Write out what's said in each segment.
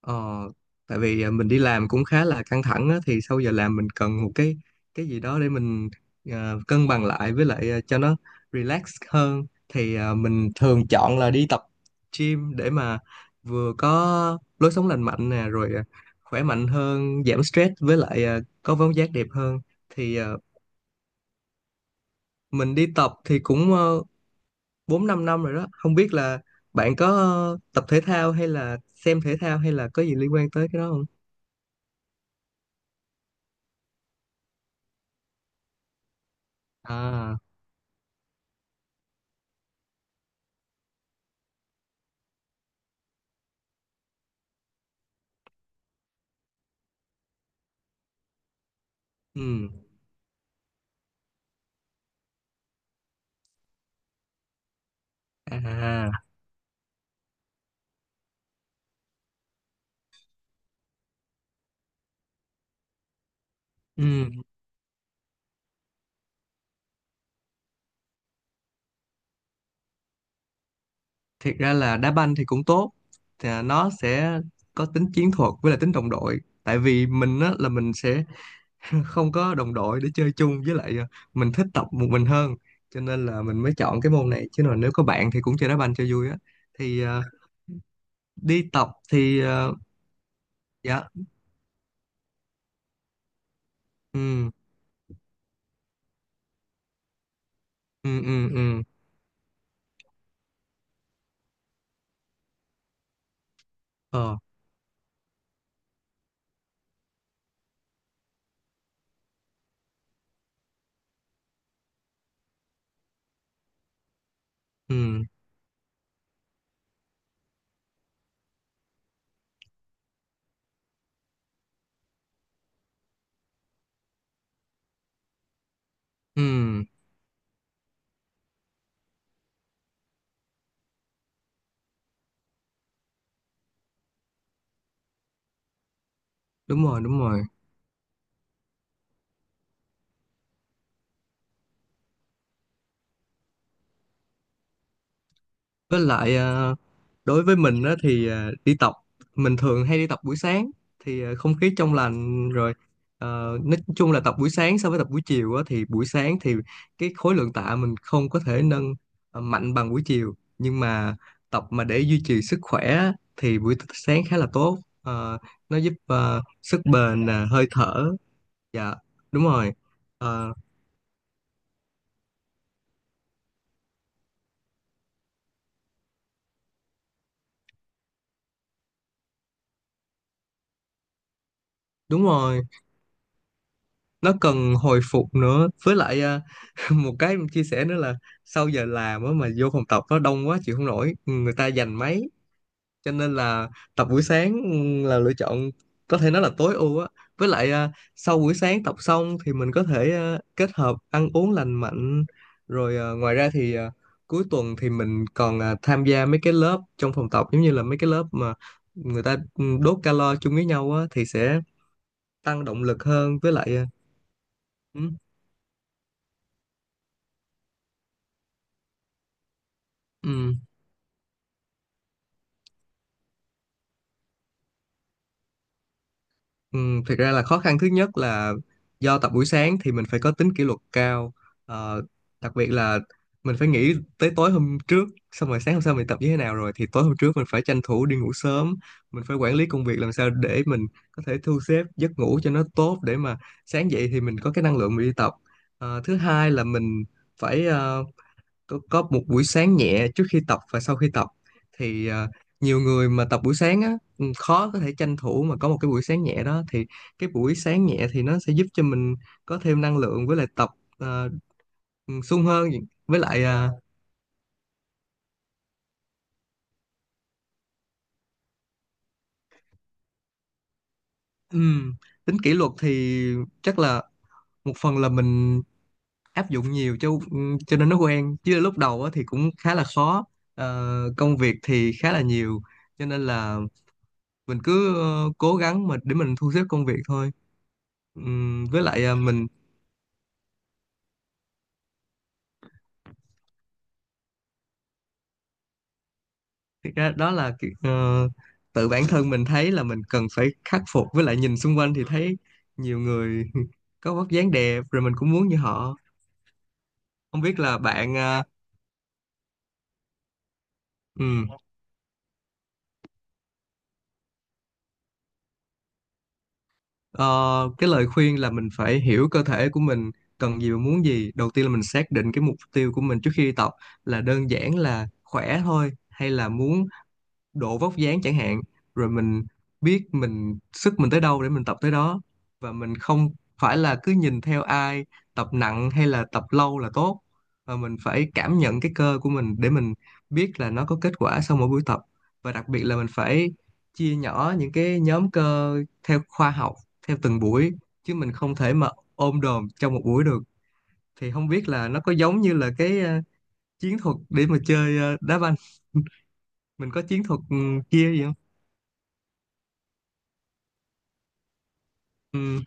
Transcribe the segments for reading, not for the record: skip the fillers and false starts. Ờ, Tại vì mình đi làm cũng khá là căng thẳng á, thì sau giờ làm mình cần một cái gì đó để mình cân bằng lại với lại cho nó relax hơn thì mình thường chọn là đi tập gym để mà vừa có lối sống lành mạnh nè, rồi khỏe mạnh hơn, giảm stress, với lại có vóc dáng đẹp hơn. Thì mình đi tập thì cũng uh, 4 5 năm rồi đó. Không biết là bạn có tập thể thao hay là xem thể thao hay là có gì liên quan tới cái đó không? À. Ừ. À. Ừ. Thiệt ra là đá banh thì cũng tốt. Thì nó sẽ có tính chiến thuật với lại tính đồng đội. Tại vì mình á, là mình sẽ không có đồng đội để chơi chung, với lại mình thích tập một mình hơn. Cho nên là mình mới chọn cái môn này. Chứ còn nếu có bạn thì cũng chơi đá banh cho vui á. Thì đi tập thì dạ, ừ, ừ, ừ, ờ, ừ, ừm, đúng rồi, đúng rồi. Với lại đối với mình á, thì đi tập, mình thường hay đi tập buổi sáng, thì không khí trong lành, rồi nói chung là tập buổi sáng so với tập buổi chiều á, thì buổi sáng thì cái khối lượng tạ mình không có thể nâng mạnh bằng buổi chiều, nhưng mà tập mà để duy trì sức khỏe á, thì buổi sáng khá là tốt. Ờ, nó giúp sức bền nè, hơi thở. Dạ. Đúng rồi. Ờ, Đúng rồi, nó cần hồi phục nữa, với lại một cái em chia sẻ nữa là sau giờ làm á mà vô phòng tập nó đông quá, chịu không nổi, người ta giành máy, cho nên là tập buổi sáng là lựa chọn, có thể nói là tối ưu á, với lại sau buổi sáng tập xong thì mình có thể kết hợp ăn uống lành mạnh, rồi ngoài ra thì cuối tuần thì mình còn tham gia mấy cái lớp trong phòng tập, giống như là mấy cái lớp mà người ta đốt calo chung với nhau á thì sẽ tăng động lực hơn, với lại ừ, ừ. Ừ, thực ra là khó khăn thứ nhất là do tập buổi sáng thì mình phải có tính kỷ luật cao. Ờ, Đặc biệt là mình phải nghĩ tới tối hôm trước, xong rồi sáng hôm sau mình tập như thế nào, rồi thì tối hôm trước mình phải tranh thủ đi ngủ sớm, mình phải quản lý công việc làm sao để mình có thể thu xếp giấc ngủ cho nó tốt để mà sáng dậy thì mình có cái năng lượng mình đi tập. Thứ hai là mình phải có một buổi sáng nhẹ trước khi tập và sau khi tập, thì nhiều người mà tập buổi sáng á khó có thể tranh thủ mà có một cái buổi sáng nhẹ đó, thì cái buổi sáng nhẹ thì nó sẽ giúp cho mình có thêm năng lượng với lại tập à, sung hơn, với lại ừm, tính kỷ luật thì chắc là một phần là mình áp dụng nhiều cho cho nên nó quen, chứ lúc đầu á, thì cũng khá là khó. Công việc thì khá là nhiều, cho nên là mình cứ cố gắng mà để mình thu xếp công việc thôi. Với lại mình thực ra đó là tự bản thân mình thấy là mình cần phải khắc phục, với lại nhìn xung quanh thì thấy nhiều người có vóc dáng đẹp rồi mình cũng muốn như họ. Không biết là bạn à, ừm, ờ, cái lời khuyên là mình phải hiểu cơ thể của mình cần gì và muốn gì. Đầu tiên là mình xác định cái mục tiêu của mình trước khi đi tập, là đơn giản là khỏe thôi hay là muốn độ vóc dáng chẳng hạn. Rồi mình biết mình sức mình tới đâu để mình tập tới đó, và mình không phải là cứ nhìn theo ai tập nặng hay là tập lâu là tốt. Và mình phải cảm nhận cái cơ của mình để mình biết là nó có kết quả sau mỗi buổi tập. Và đặc biệt là mình phải chia nhỏ những cái nhóm cơ theo khoa học, theo từng buổi, chứ mình không thể mà ôm đồm trong một buổi được. Thì không biết là nó có giống như là cái chiến thuật để mà chơi đá banh, mình có chiến thuật kia gì không. Ừm.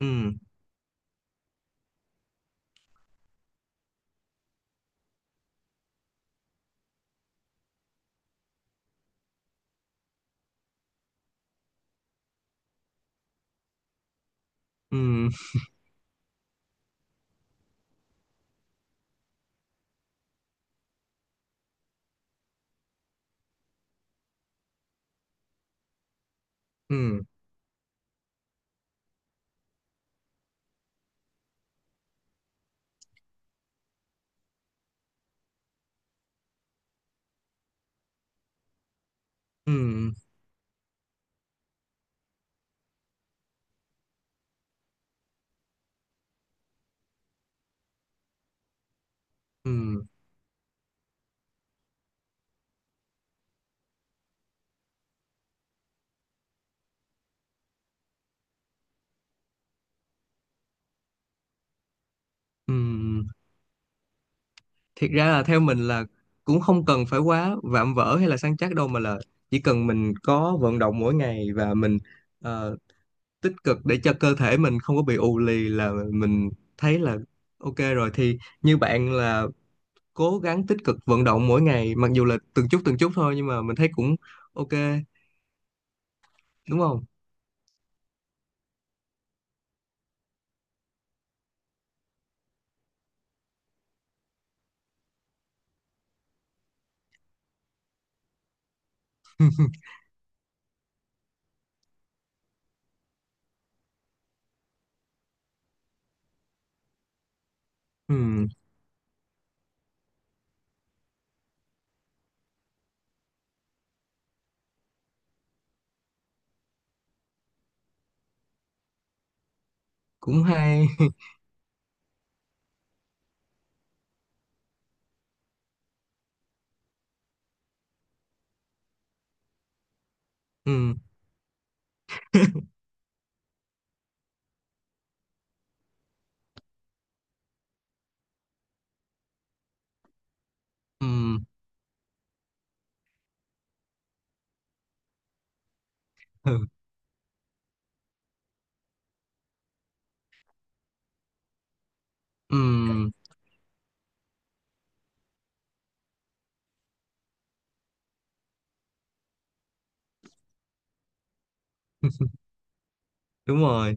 Ừm. Ừm. Ừm. Ừm. Ừm. Ừm. Thiệt ra là theo mình là cũng không cần phải quá vạm vỡ hay là săn chắc đâu, mà là chỉ cần mình có vận động mỗi ngày và mình ờ, tích cực để cho cơ thể mình không có bị ù lì, là mình thấy là ok rồi. Thì như bạn là cố gắng tích cực vận động mỗi ngày, mặc dù là từng chút thôi nhưng mà mình thấy cũng ok, đúng không? Ừm, cũng hay. Ừm. Ừm. Ừ. Ừm. Đúng rồi.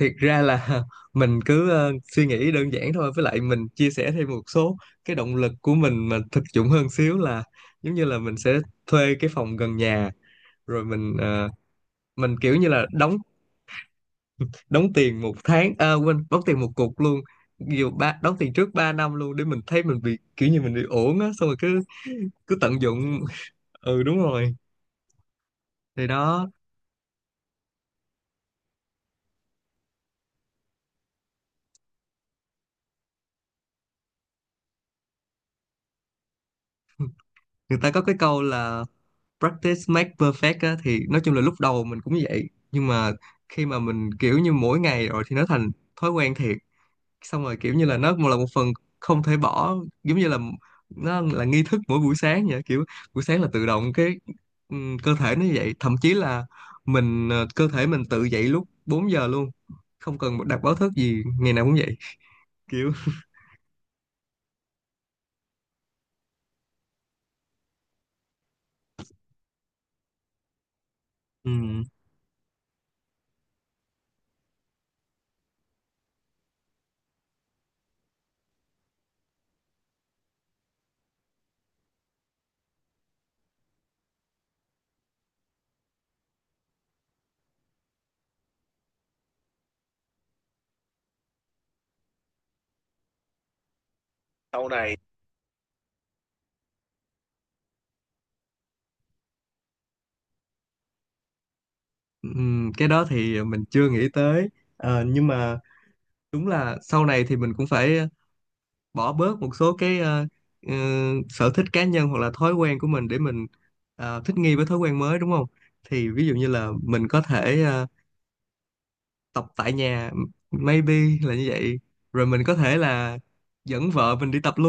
Thiệt ra là mình cứ suy nghĩ đơn giản thôi, với lại mình chia sẻ thêm một số cái động lực của mình mà thực dụng hơn xíu, là giống như là mình sẽ thuê cái phòng gần nhà, rồi mình kiểu như là đóng đóng tiền một tháng, à quên, đóng tiền một cục luôn, dù ba đóng tiền trước 3 năm luôn, để mình thấy mình bị kiểu như mình bị ổn á, xong rồi cứ cứ tận dụng ừ, đúng rồi. Thì đó. Người ta có cái câu là practice make perfect á, thì nói chung là lúc đầu mình cũng vậy, nhưng mà khi mà mình kiểu như mỗi ngày rồi thì nó thành thói quen thiệt, xong rồi kiểu như là nó một là một phần không thể bỏ, giống như là nó là nghi thức mỗi buổi sáng vậy kiểu. Buổi sáng là tự động cái cơ thể nó như vậy, thậm chí là mình cơ thể mình tự dậy lúc 4 giờ luôn, không cần đặt báo thức gì, ngày nào cũng vậy kiểu. Ừm. Ừm. Cái đó thì mình chưa nghĩ tới. Nhưng mà đúng là sau này thì mình cũng phải bỏ bớt một số cái ừ, sở thích cá nhân hoặc là thói quen của mình để mình thích nghi với thói quen mới, đúng không? Thì ví dụ như là mình có thể tập tại nhà, maybe là như vậy, rồi mình có thể là dẫn vợ mình đi tập luôn.